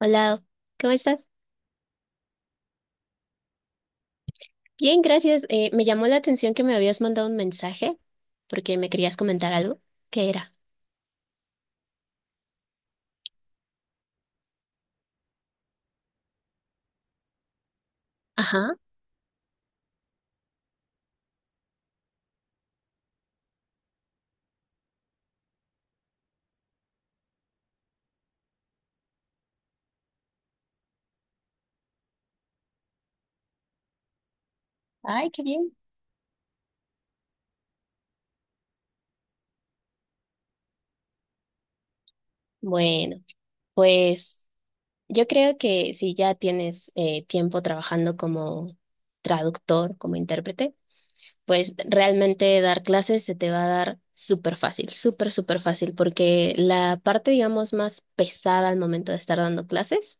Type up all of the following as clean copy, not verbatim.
Hola, ¿cómo estás? Bien, gracias. Me llamó la atención que me habías mandado un mensaje porque me querías comentar algo. ¿Qué era? Ajá. Ay, qué bien. Bueno, pues yo creo que si ya tienes tiempo trabajando como traductor, como intérprete, pues realmente dar clases se te va a dar súper fácil, súper, súper fácil, porque la parte, digamos, más pesada al momento de estar dando clases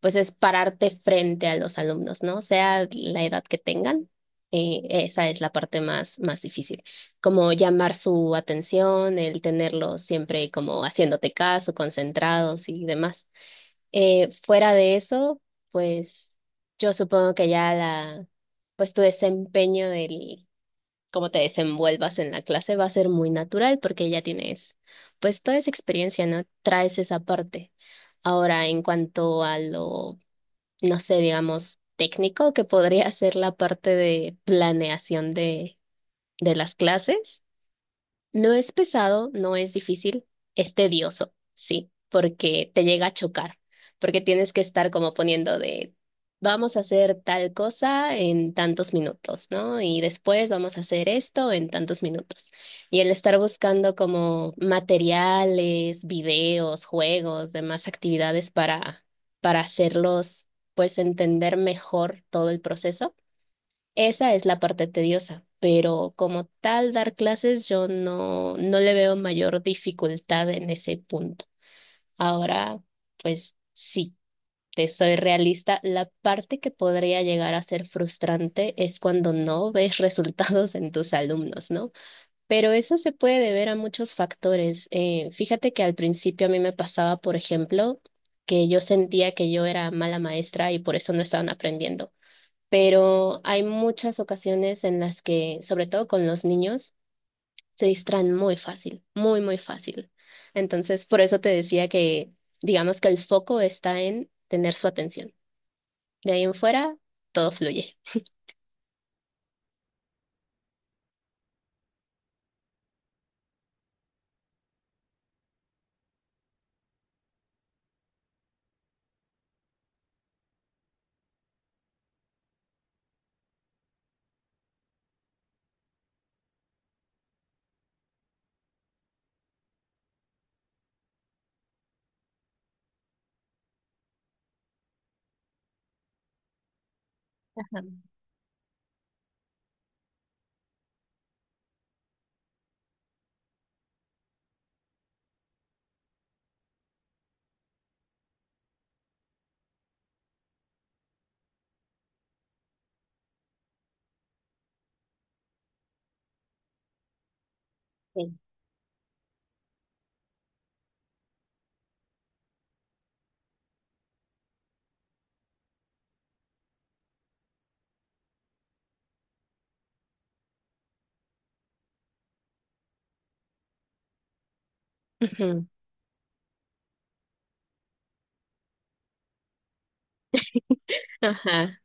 pues es pararte frente a los alumnos, ¿no? Sea la edad que tengan, esa es la parte más, más difícil. Como llamar su atención, el tenerlos siempre como haciéndote caso, concentrados y demás. Fuera de eso, pues yo supongo que ya pues tu desempeño del cómo te desenvuelvas en la clase va a ser muy natural porque ya tienes, pues toda esa experiencia, ¿no? Traes esa parte. Ahora, en cuanto a lo no sé, digamos, técnico, que podría ser la parte de planeación de las clases. No es pesado, no es difícil, es tedioso, sí, porque te llega a chocar, porque tienes que estar como poniendo de, vamos a hacer tal cosa en tantos minutos, ¿no? Y después vamos a hacer esto en tantos minutos. Y el estar buscando como materiales, videos, juegos, demás actividades para hacerlos, pues entender mejor todo el proceso esa es la parte tediosa, pero como tal dar clases yo no le veo mayor dificultad en ese punto. Ahora, pues sí, te soy realista, la parte que podría llegar a ser frustrante es cuando no ves resultados en tus alumnos, ¿no? Pero eso se puede deber a muchos factores. Fíjate que al principio a mí me pasaba, por ejemplo, que yo sentía que yo era mala maestra y por eso no estaban aprendiendo pero hay muchas ocasiones en las que, sobre todo con los niños, se distraen muy fácil, muy, muy fácil. Entonces, por eso te decía que, digamos que el foco está en tener su atención. De ahí en fuera, todo fluye. Sí. Ujú. Ajá,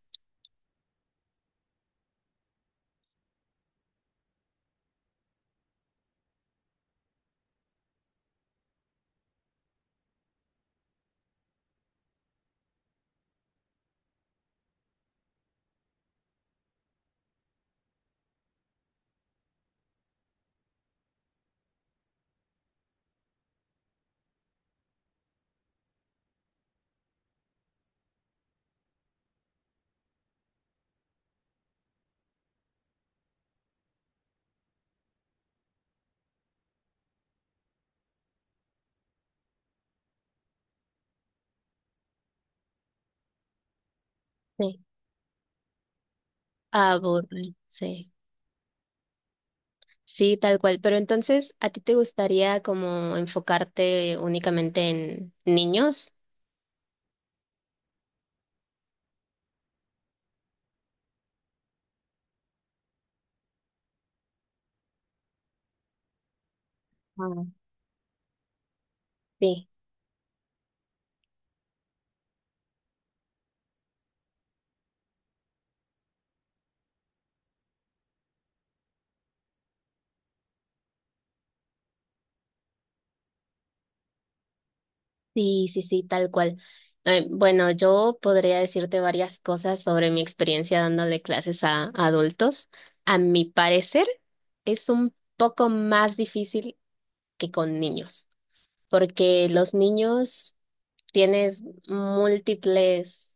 sí. Aburre, sí. Sí, tal cual. Pero entonces, ¿a ti te gustaría como enfocarte únicamente en niños? Ah, sí. Sí, sí, sí, tal cual. Bueno, yo podría decirte varias cosas sobre mi experiencia dándole clases a adultos. A mi parecer, es un poco más difícil que con niños, porque los niños tienes múltiples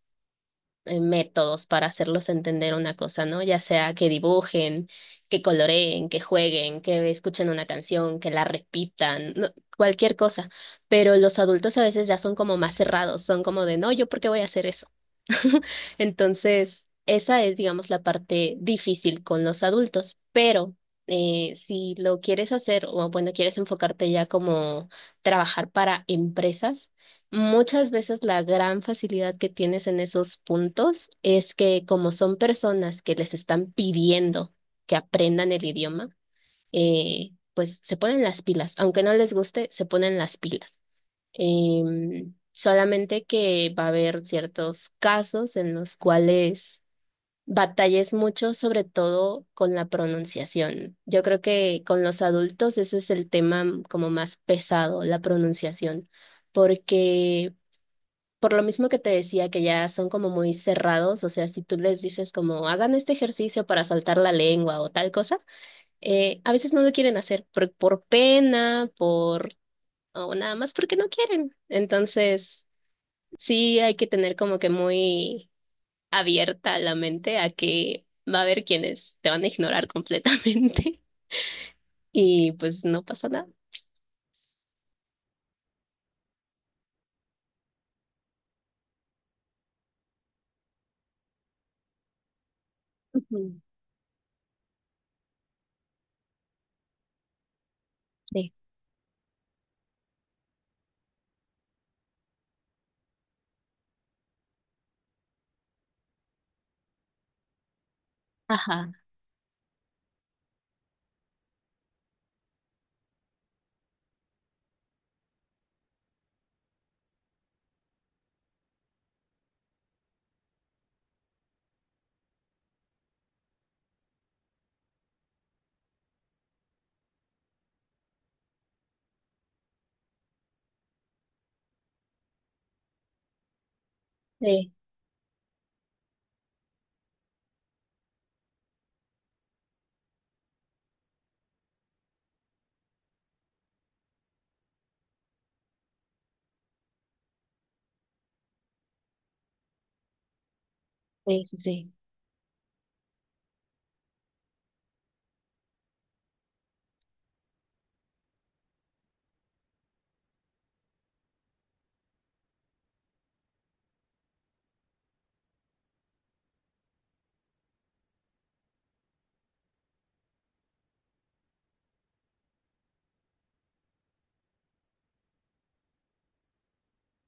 métodos para hacerlos entender una cosa, ¿no? Ya sea que dibujen, que coloreen, que jueguen, que escuchen una canción, que la repitan, no, cualquier cosa. Pero los adultos a veces ya son como más cerrados, son como de, no, ¿yo por qué voy a hacer eso? Entonces, esa es, digamos, la parte difícil con los adultos, pero si lo quieres hacer o, bueno, quieres enfocarte ya como trabajar para empresas, muchas veces la gran facilidad que tienes en esos puntos es que como son personas que les están pidiendo que aprendan el idioma, pues se ponen las pilas, aunque no les guste, se ponen las pilas. Solamente que va a haber ciertos casos en los cuales batalles mucho, sobre todo con la pronunciación. Yo creo que con los adultos ese es el tema como más pesado, la pronunciación, porque por lo mismo que te decía que ya son como muy cerrados, o sea, si tú les dices como hagan este ejercicio para soltar la lengua o tal cosa, a veces no lo quieren hacer por, pena, por o nada más porque no quieren. Entonces, sí, hay que tener como que muy abierta la mente a que va a haber quienes te van a ignorar completamente y pues no pasa nada. Ujú. Sí, ajá, sí, sí, sí, sí,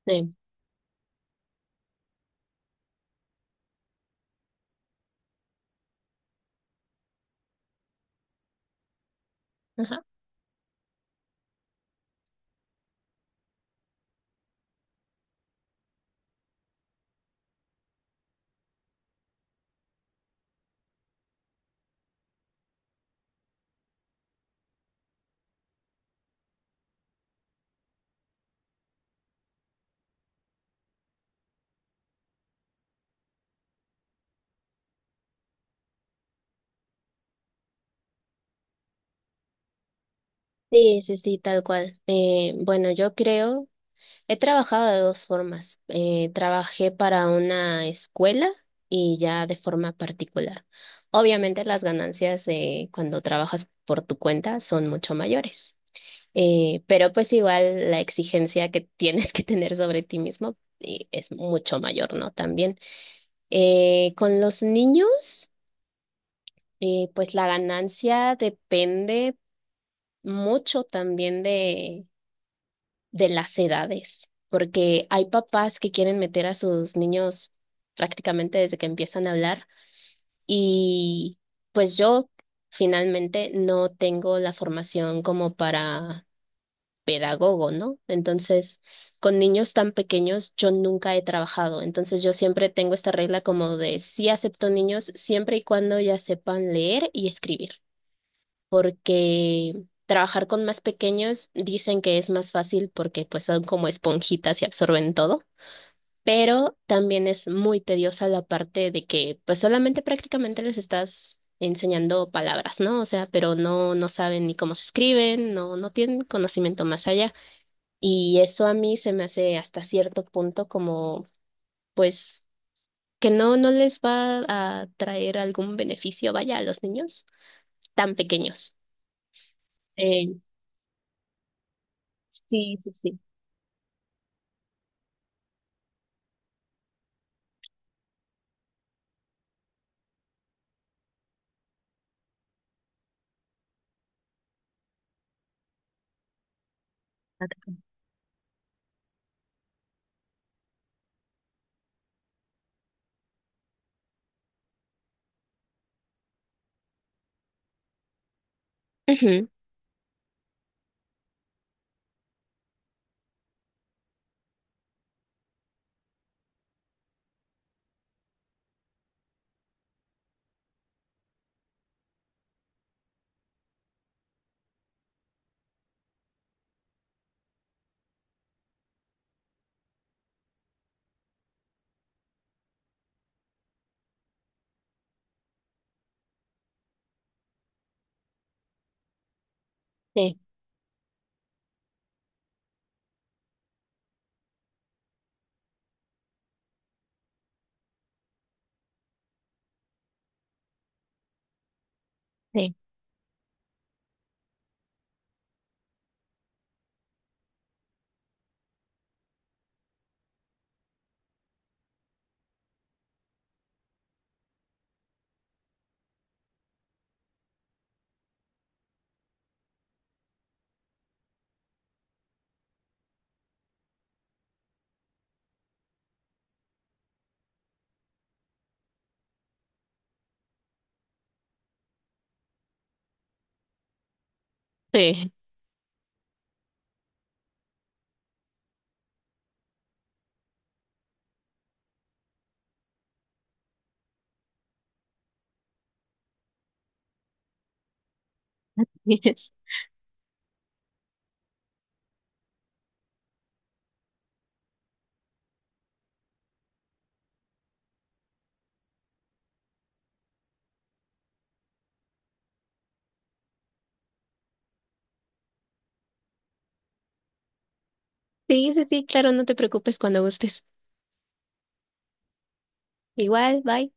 sí, ajá. Sí, sí, sí, tal cual. Bueno, yo creo, he trabajado de dos formas. Trabajé para una escuela y ya de forma particular. Obviamente las ganancias de cuando trabajas por tu cuenta son mucho mayores. Pero pues igual la exigencia que tienes que tener sobre ti mismo es mucho mayor, ¿no? También. Con los niños, pues la ganancia depende mucho también de las edades, porque hay papás que quieren meter a sus niños prácticamente desde que empiezan a hablar y pues yo finalmente no tengo la formación como para pedagogo, ¿no? Entonces, con niños tan pequeños yo nunca he trabajado, entonces yo siempre tengo esta regla como de sí acepto niños siempre y cuando ya sepan leer y escribir, porque trabajar con más pequeños dicen que es más fácil porque pues son como esponjitas y absorben todo. Pero también es muy tediosa la parte de que pues solamente prácticamente les estás enseñando palabras, ¿no? O sea, pero no saben ni cómo se escriben, no tienen conocimiento más allá. Y eso a mí se me hace hasta cierto punto como, pues, que no les va a traer algún beneficio, vaya, a los niños tan pequeños. Eh, sí, sí, sí. Ujú, sí, sí, sí. Sí, sí, sí, claro, no te preocupes cuando gustes. Igual, bye.